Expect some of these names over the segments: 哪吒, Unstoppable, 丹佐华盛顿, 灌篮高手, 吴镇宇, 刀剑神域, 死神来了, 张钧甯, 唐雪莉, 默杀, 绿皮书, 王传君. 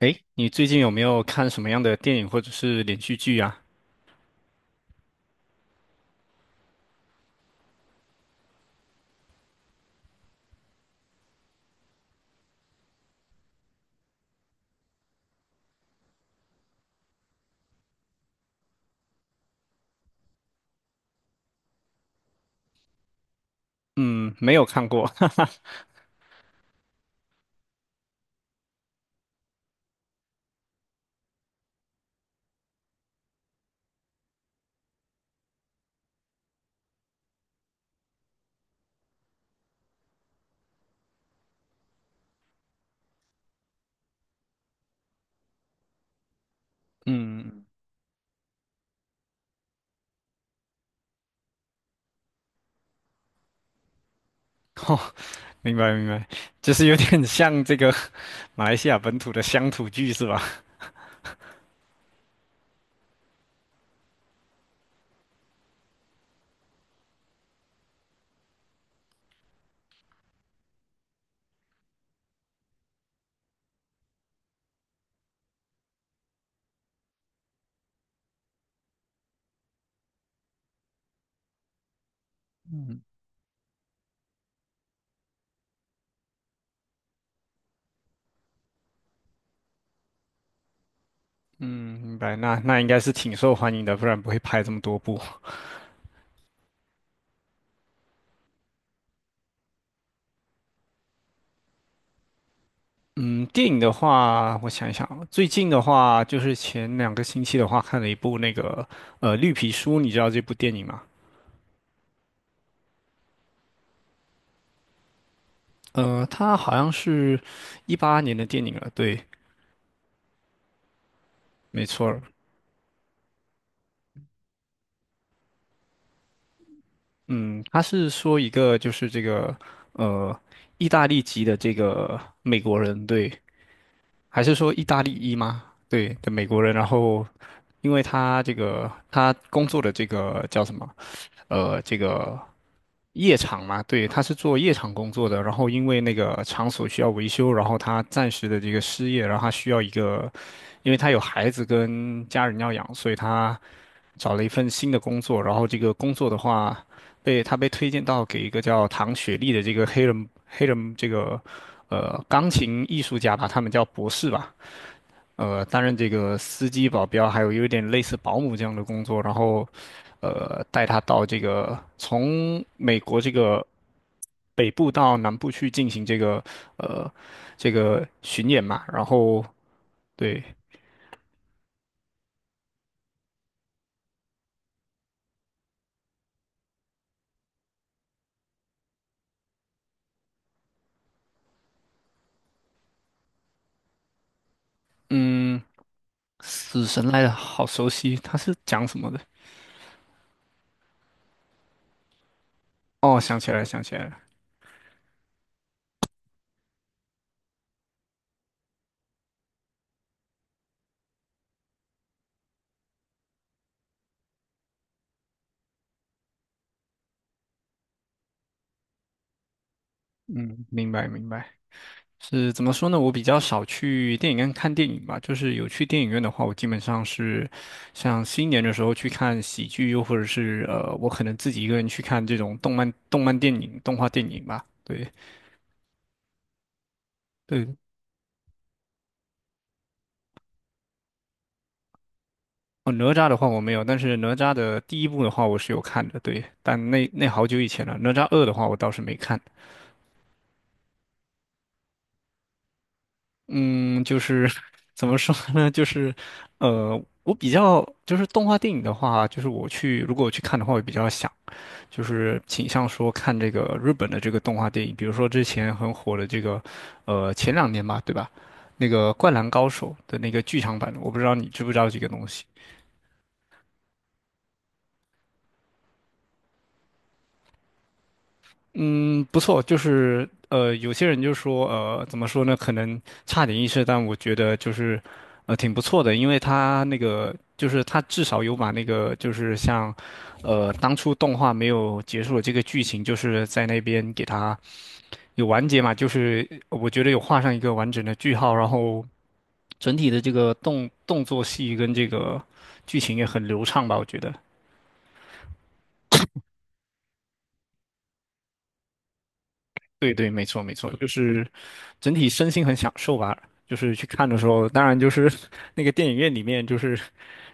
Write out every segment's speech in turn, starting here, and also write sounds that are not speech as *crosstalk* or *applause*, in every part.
诶，你最近有没有看什么样的电影或者是连续剧啊？嗯，没有看过，*laughs* 哈哈，嗯，哦，明白明白，就是有点像这个马来西亚本土的乡土剧是吧？嗯，明白，那应该是挺受欢迎的，不然不会拍这么多部。嗯，电影的话，我想一想啊最近的话就是前两个星期的话，看了一部那个《绿皮书》，你知道这部电影吗？它好像是一八年的电影了，对，没错。嗯，他是说一个就是这个呃，意大利籍的这个美国人，对，还是说意大利裔吗？对的美国人，然后因为他这个他工作的这个叫什么？这个夜场嘛，对，他是做夜场工作的，然后因为那个场所需要维修，然后他暂时的这个失业，然后他需要一个，因为他有孩子跟家人要养，所以他找了一份新的工作，然后这个工作的话，被他被推荐到给一个叫唐雪莉的这个黑人这个钢琴艺术家吧，他们叫博士吧。担任这个司机、保镖，还有有点类似保姆这样的工作，然后，带他到这个从美国这个北部到南部去进行这个呃这个巡演嘛，然后对，嗯，死神来了，好熟悉，他是讲什么的？哦，想起来了，想起来了，嗯，明白明白。是怎么说呢？我比较少去电影院看电影吧，就是有去电影院的话，我基本上是像新年的时候去看喜剧，又或者是我可能自己一个人去看这种动漫、动漫电影、动画电影吧。对对，哦，哪吒的话我没有，但是哪吒的第一部的话我是有看的，对，但那好久以前了。哪吒二的话我倒是没看。嗯，就是 *laughs* 怎么说呢？就是，我比较就是动画电影的话，就是我去如果我去看的话，我比较想。就是倾向说看这个日本的这个动画电影，比如说之前很火的这个，前两年吧，对吧？那个《灌篮高手》的那个剧场版，我不知道你知不知道这个东西。嗯，不错，就是有些人就说，怎么说呢？可能差点意思，但我觉得就是，挺不错的，因为他那个就是他至少有把那个就是像，当初动画没有结束的这个剧情，就是在那边给他有完结嘛，就是我觉得有画上一个完整的句号，然后整体的这个动作戏跟这个剧情也很流畅吧，我觉得。对对，没错没错，就是整体身心很享受吧。就是去看的时候，当然就是 *laughs* 那个电影院里面就是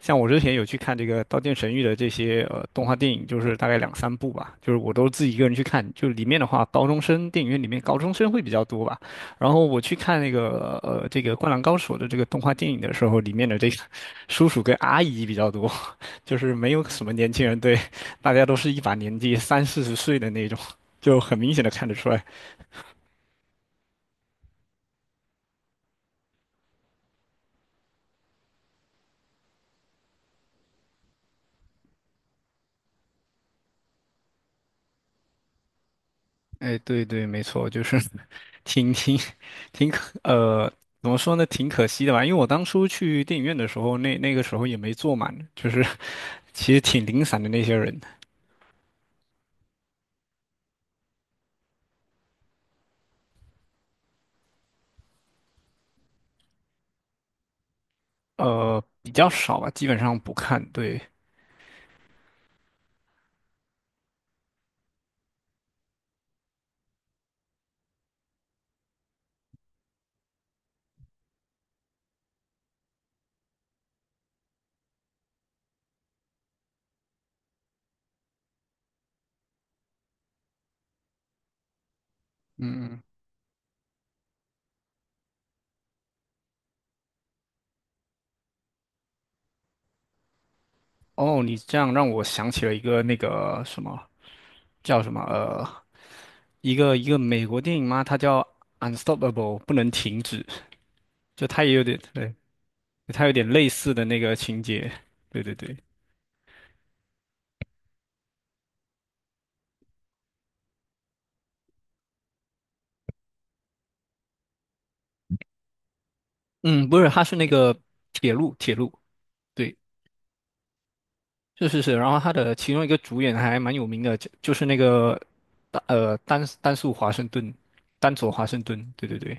像我之前有去看这个《刀剑神域》的这些动画电影，就是大概两三部吧，就是我都自己一个人去看。就里面的话，高中生电影院里面高中生会比较多吧。然后我去看那个这个《灌篮高手》的这个动画电影的时候，里面的这个叔叔跟阿姨比较多，*laughs* 就是没有什么年轻人，对，大家都是一把年纪三四十岁的那种，就很明显的看得出来。哎，对对，没错，就是 *laughs* 挺挺挺可呃，怎么说呢，挺可惜的吧。因为我当初去电影院的时候，那个时候也没坐满，就是其实挺零散的那些人，比较少吧，基本上不看。对，哦，你这样让我想起了一个那个什么叫什么一个美国电影嘛，它叫《Unstoppable》，不能停止，就它也有点对，它有点类似的那个情节。对对对。嗯，不是，他是那个铁路，铁路，对，是是是。然后他的其中一个主演还蛮有名的，就是那个，丹素华盛顿，丹佐华盛顿，对对对。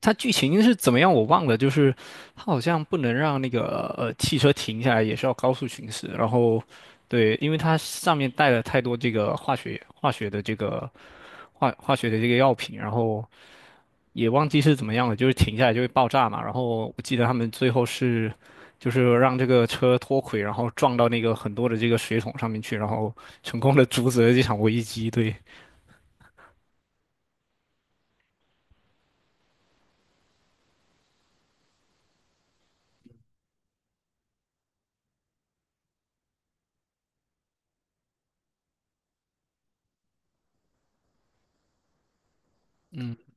他剧情是怎么样我忘了，就是他好像不能让那个汽车停下来，也是要高速行驶。然后，对，因为它上面带了太多这个化学的这个化学的这个药品，然后也忘记是怎么样了，就是停下来就会爆炸嘛。然后我记得他们最后是，就是让这个车脱轨，然后撞到那个很多的这个水桶上面去，然后成功的阻止了这场危机。对，嗯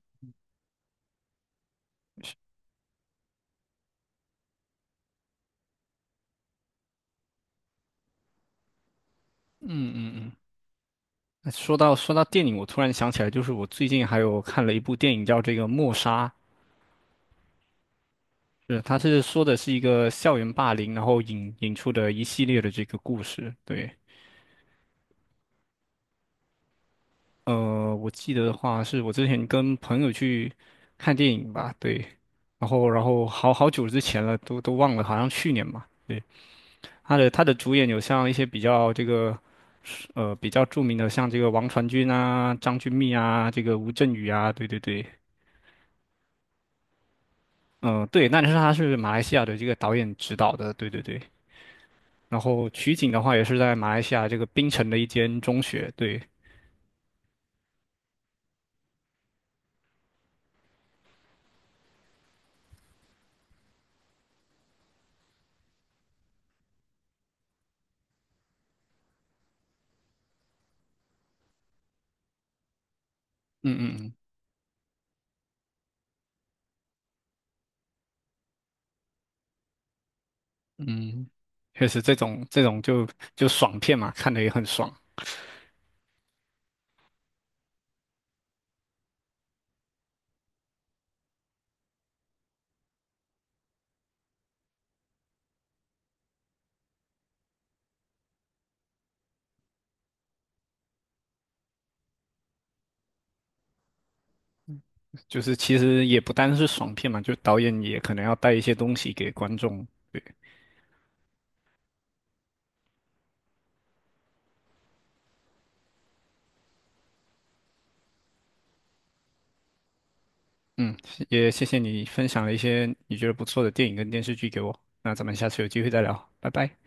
嗯嗯嗯。那说到电影，我突然想起来，就是我最近还有看了一部电影叫这个《默杀》，是它是说的是一个校园霸凌，然后引出的一系列的这个故事。对，我记得的话，是我之前跟朋友去看电影吧，对，然后好久之前了，都忘了，好像去年嘛，对，他的主演有像一些比较这个，比较著名的，像这个王传君啊、张钧甯啊、这个吴镇宇啊，对对对，嗯、对，那你说他是马来西亚的这个导演指导的，对对对，然后取景的话也是在马来西亚这个槟城的一间中学，对，嗯嗯嗯嗯，确实这种就爽片嘛，看的也很爽。就是其实也不单是爽片嘛，就导演也可能要带一些东西给观众。对，嗯，也谢谢你分享了一些你觉得不错的电影跟电视剧给我。那咱们下次有机会再聊，拜拜。